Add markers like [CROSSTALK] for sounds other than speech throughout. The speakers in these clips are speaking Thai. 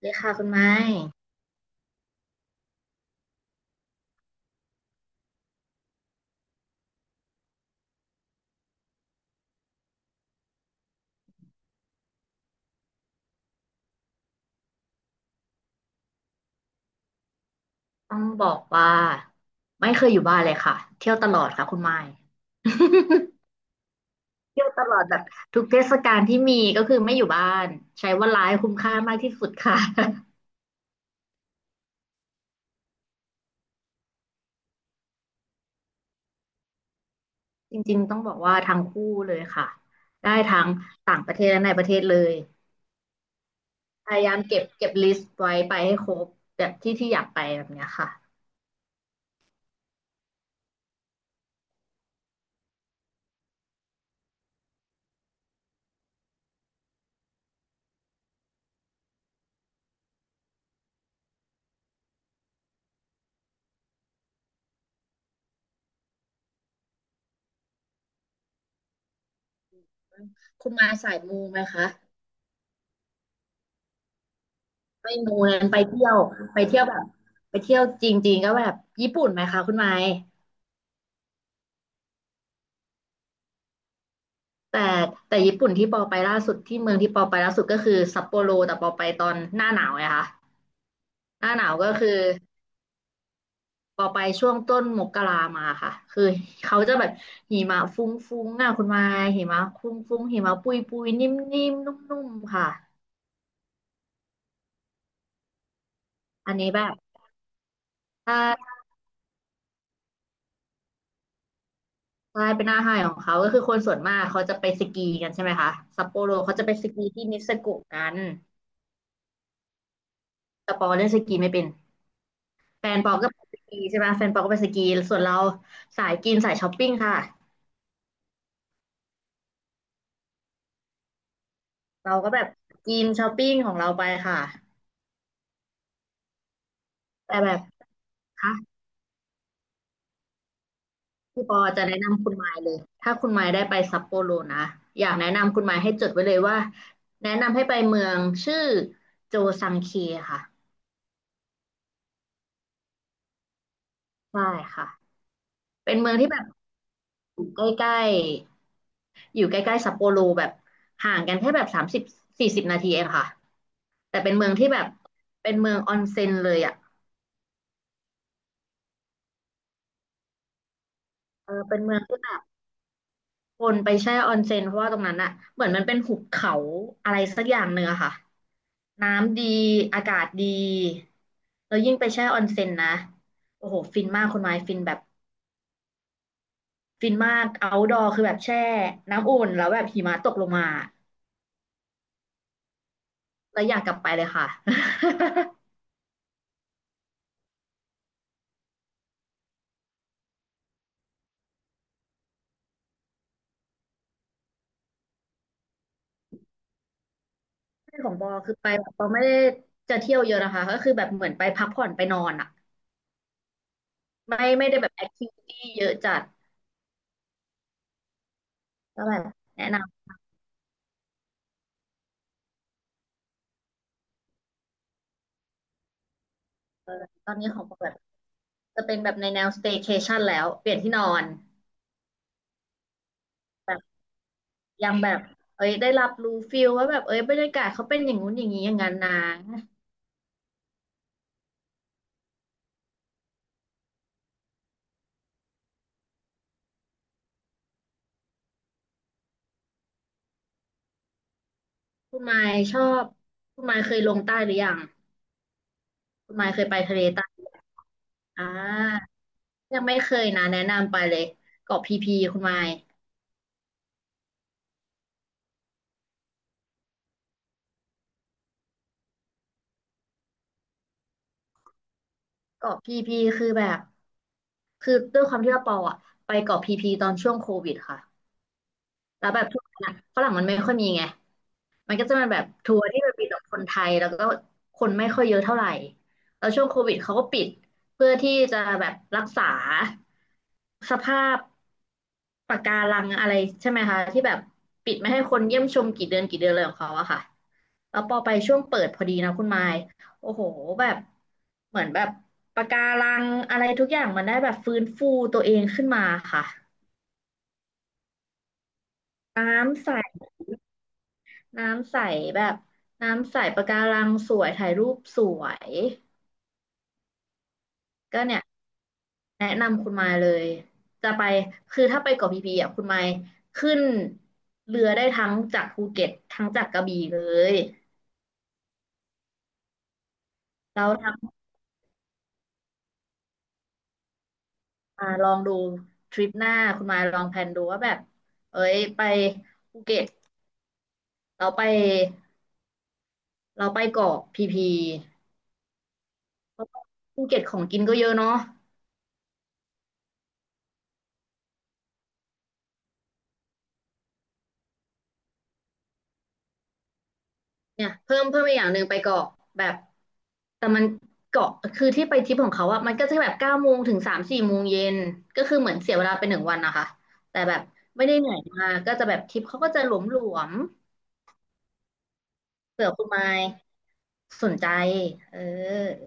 เลยค่ะคุณไม้ต้องบอกว่าไม่เคยอยู่บ้านเลยค่ะเที่ยวตลอดค่ะคุณไม้ [LAUGHS] เที่ยวตลอดแบบทุกเทศกาลที่มีก็คือไม่อยู่บ้านใช้เวลาให้คุ้มค่ามากที่สุดค่ะ [LAUGHS] จริงๆต้องบอกว่าทั้งคู่เลยค่ะได้ทั้งต่างประเทศและในประเทศเลยพยายามเก็บลิสต์ไว้ไปให้ครบแบบที่ที่อยากไปแบบเนี้ยค่ะคุณไมาสายมูไหมคะไม่มูนั้นไปเที่ยวแบบไปเที่ยวจริงๆก็แบบญี่ปุ่นไหมคะคุณไมค แต่แต่ญี่ปุ่นที่เมืองที่ปอไปล่าสุดก็คือซัปโปโรแต่ปอไปตอนหน้าหนาวไงคะหน้าหนาวก็คือปอไปช่วงต้นมกรามาค่ะคือเขาจะแบบหิมะฟุ้งๆอ่ะคุณมายหิมะฟุ้งๆหิมะปุยๆนิ่มๆนุ่มนุ่มๆค่ะอันนี้แบบถ้าถ้าเป็นหน้าไฮของเขาก็คือคนส่วนมากเขาจะไปสกีกันใช่ไหมคะซัปโปโรเขาจะไปสกีที่นิเซโกะกันแต่ปอเล่นสกีไม่เป็น แฟนปอก็ไปสกีใช่ไหมแฟนปอก็ไปสกีส่วนเราสายกินสายช้อปปิ้งค่ะเราก็แบบกินช้อปปิ้งของเราไปค่ะแต่แบบคะพี่ปอจะแนะนำคุณไมล์เลยถ้าคุณไมล์ได้ไปซัปโปโรนะอยากแนะนำคุณไมล์ให้จดไว้เลยว่าแนะนำให้ไปเมืองชื่อโจซังเคค่ะใช่ค่ะเป็นเมืองที่แบบอยู่ใกล้ๆอยู่ใกล้ๆซัปโปโรแบบห่างกันแค่แบบ30-40 นาทีเองค่ะแต่เป็นเมืองที่แบบเป็นเมืองออนเซ็นเลยอ่ะ เออเป็นเมืองที่แบบคนไปแช่ออนเซ็นเพราะว่าตรงนั้นอะเหมือนมันเป็นหุบเขาอะไรสักอย่างเนื้อะค่ะน้ำดีอากาศดีแล้วยิ่งไปแช่ออนเซ็นนะโอ้โหฟินมากคุณไม้ฟินแบบฟินมากเอาท์ดอร์คือแบบแช่น้ำอุ่นแล้วแบบหิมะตกลงมาแล้วอยากกลับไปเลยค่ะ [LAUGHS] ที่ของบอคือไปแบบเราไม่ได้จะเที่ยวเยอะนะคะก็คือแบบเหมือนไปพักผ่อนไปนอนอะไม่ได้แบบแอคทิวิตี้เยอะจัดก็แบบแนะนำเลยตอนนี้ของบอแบบ จะเป็นแบบในแนว staycation แล้วเปลี่ยนที่นอนแบบยังแบบเอ้ยได้รับรู้ฟิลว่าแบบเอ้ยบรรยากาศเขาเป็นอย่างงู้นอย่างนี้อย่างนั้นนะคุณไมค์ชอบคุณไมค์เคยลงใต้หรือยังคุณไมค์เคยไปทะเลใต้หรือยังอ่ายังไม่เคยนะแนะนำไปเลยเกาะพีพีคุณไมค์เกาะพีพีคือแบบคือด้วยความที่ว่าปออะไปเกาะพีพีตอนช่วงโควิดค่ะแล้วแบบช่วงนั้นอะฝรั่งมันไม่ค่อยมีไง มันก็จะเป็นแบบทัวร์ที่มันมีแต่คนไทยแล้วก็คนไม่ค่อยเยอะเท่าไหร่แล้วช่วงโควิดเขาก็ปิดเพื่อที่จะแบบรักษาสภาพปะการังอะไรใช่ไหมคะที่แบบปิดไม่ให้คนเยี่ยมชมกี่เดือนเลยของเขาอะค่ะแล้วพอไปช่วงเปิดพอดีนะคุณไมค์โอ้โหแบบเหมือนแบบปะการังอะไรทุกอย่างมันได้แบบฟื้นฟูตัวเองขึ้นมาค่ะน้ำใส น้ำใสแบบน้ำใสปะการังสวยถ่ายรูปสวยก็เนี่ยแนะนำคุณมายเลยจะไปคือถ้าไปเกาะพีพีอ่ะคุณมายขึ้นเรือได้ทั้งจากภูเก็ตทั้งจากกระบี่เลยแล้วทำมาลองดูทริปหน้าคุณมายลองแพลนดูว่าแบบเอ้ยไปภูเก็ตเราไปเราไปเกาะพีพีเพราะว่าภูเก็ตของกินก็เยอะเนาะ เนี่ยเพิ่มอีกอย่างหนึ่งไปเกาะแบบแต่มันเกาะคือที่ไปทริปของเขาอะมันก็จะแบบ9 โมงถึง3-4 โมงเย็นก็คือเหมือนเสียเวลาไป1 วันนะคะแต่แบบไม่ได้เหนื่อยมากก็จะแบบทริปเขาก็จะหลวมๆเผื่อคุณไมค์สนใจเออ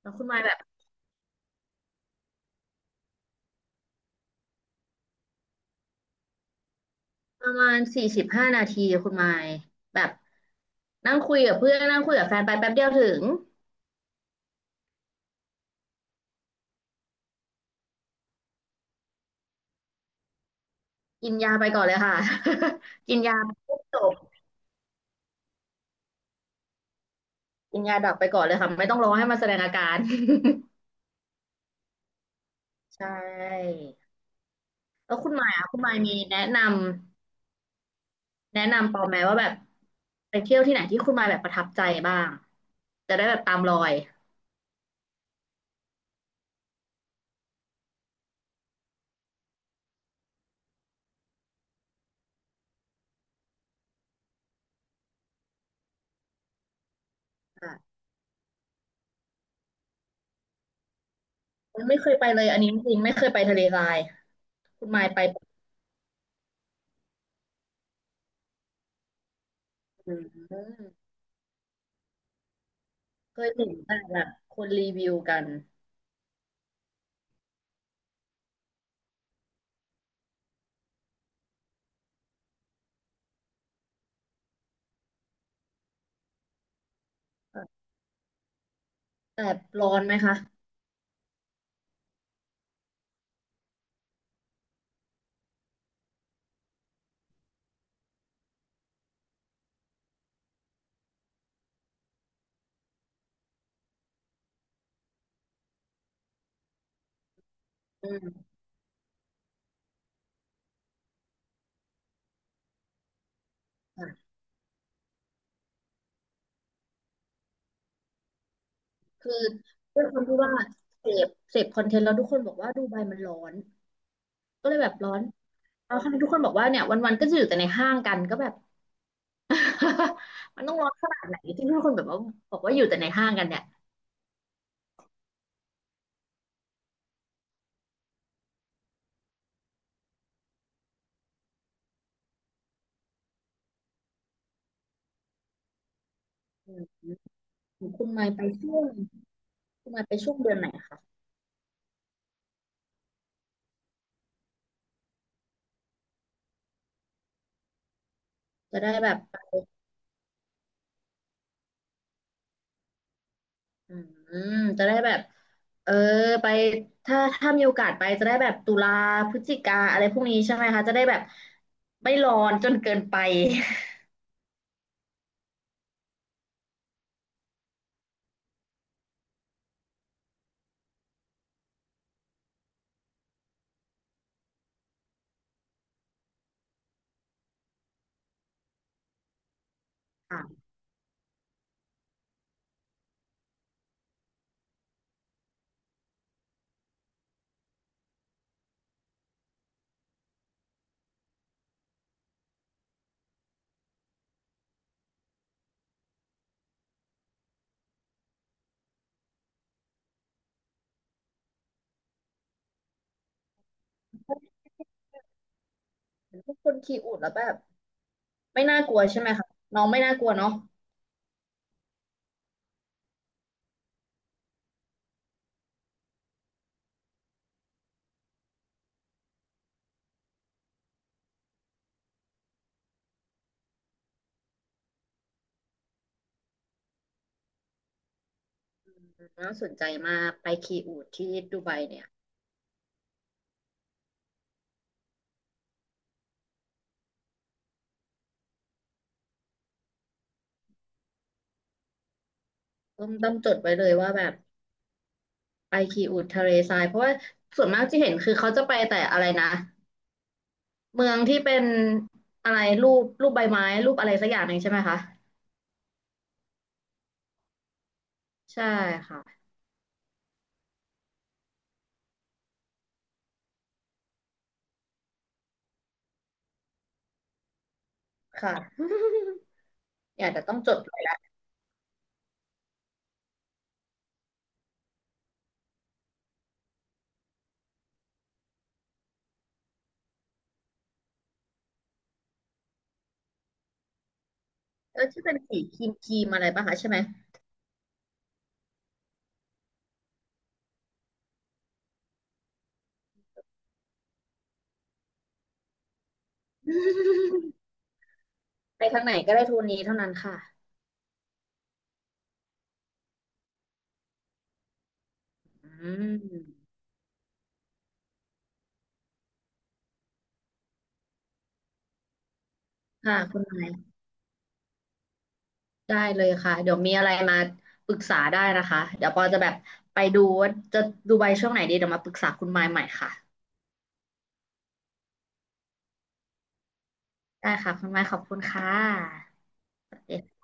แล้วคุณไมค์แบบประมาณ45 นาทีคุณไมค์แบบนั่งคุยกับเพื่อนนั่งคุยกับแฟนไปแป๊บเดียวถึงกินยาไปก่อนเลยค่ะ [LAUGHS] กินยาปุ๊บจบ กินยาดับไปก่อนเลยค่ะไม่ต้องรอให้มันแสดงอาการ [LAUGHS] ใช่แล้วคุณหมายมีแนะนำแนะนำปอไหมว่าแบบไปเที่ยวที่ไหนที่คุณหมายแบบประทับใจบ้างจะได้แบบตามรอยอ่ะไม่เคยไปเลยอันนี้จริงๆไม่เคยไปทะเลทรายคุณหมายไปอืมเคยเห็นแต่แบบคนรีวิวกันแต่ร้อนไหมคะอืมค่ะคือด้วยความที่ว่าเสพคอนเทนต์แล้วทุกคนบอกว่าดูไบมันร้อนก็เลยแบบร้อน แล้วคณะทุกคนบอกว่าเนี่ยวันๆก็จะอยู่แต่ในห้างกันก็แบบ [LAUGHS] มันต้องร้อนขนาดไหนที่ทุกคนแบบว่าบอกว่าอยู่แต่ในห้างกันเนี่ยอืมคุณมายไปช่วงคุณมายไปช่วงเดือนไหนคะจะได้แบบไปอืมจะได้แบบเออไปถ้ามีโอกาสไปจะได้แบบตุลาพฤศจิกาอะไรพวกนี้ใช่ไหมคะจะได้แบบไม่ร้อนจนเกินไปค่ะทุกคนขีอูดแล้วแบบไม่น่ากลัวใช่ไหมคะน้องไม่น่ากลัวเนาะน่าสนใจมากไปขีอูดที่ดูไบเนี่ย ต้องจดไว้เลยว่าแบบไปคีอูดทะเลทรายเพราะว่าส่วนมากที่เห็นคือเขาจะไปแต่อะไรนะเมืองที่เป็นอะไรรูปใบไม้รูปอะไรสักอย่างหนึ่งใช่ไหมคะใช่ค่ะค่ะ [LAUGHS] อยากจะต้องจดไว้แล้วเออที่เป็นสีครีมอะไรป่ะคะใช่ไหม [LAUGHS] ไปทางไหนก็ได้โทนนี้เท่านั้นค่ะอืมค่ะคุณนายได้เลยค่ะเดี๋ยวมีอะไรมาปรึกษาได้นะคะเดี๋ยวปอจะแบบไปดูว่าจะดูใบช่วงไหนดีเดี๋ยวมาปรึกษาคุณมายใหม่ค่ะ ได้ค่ะคุณไม้ขอบคุณค่ะสวัสดีค่ะ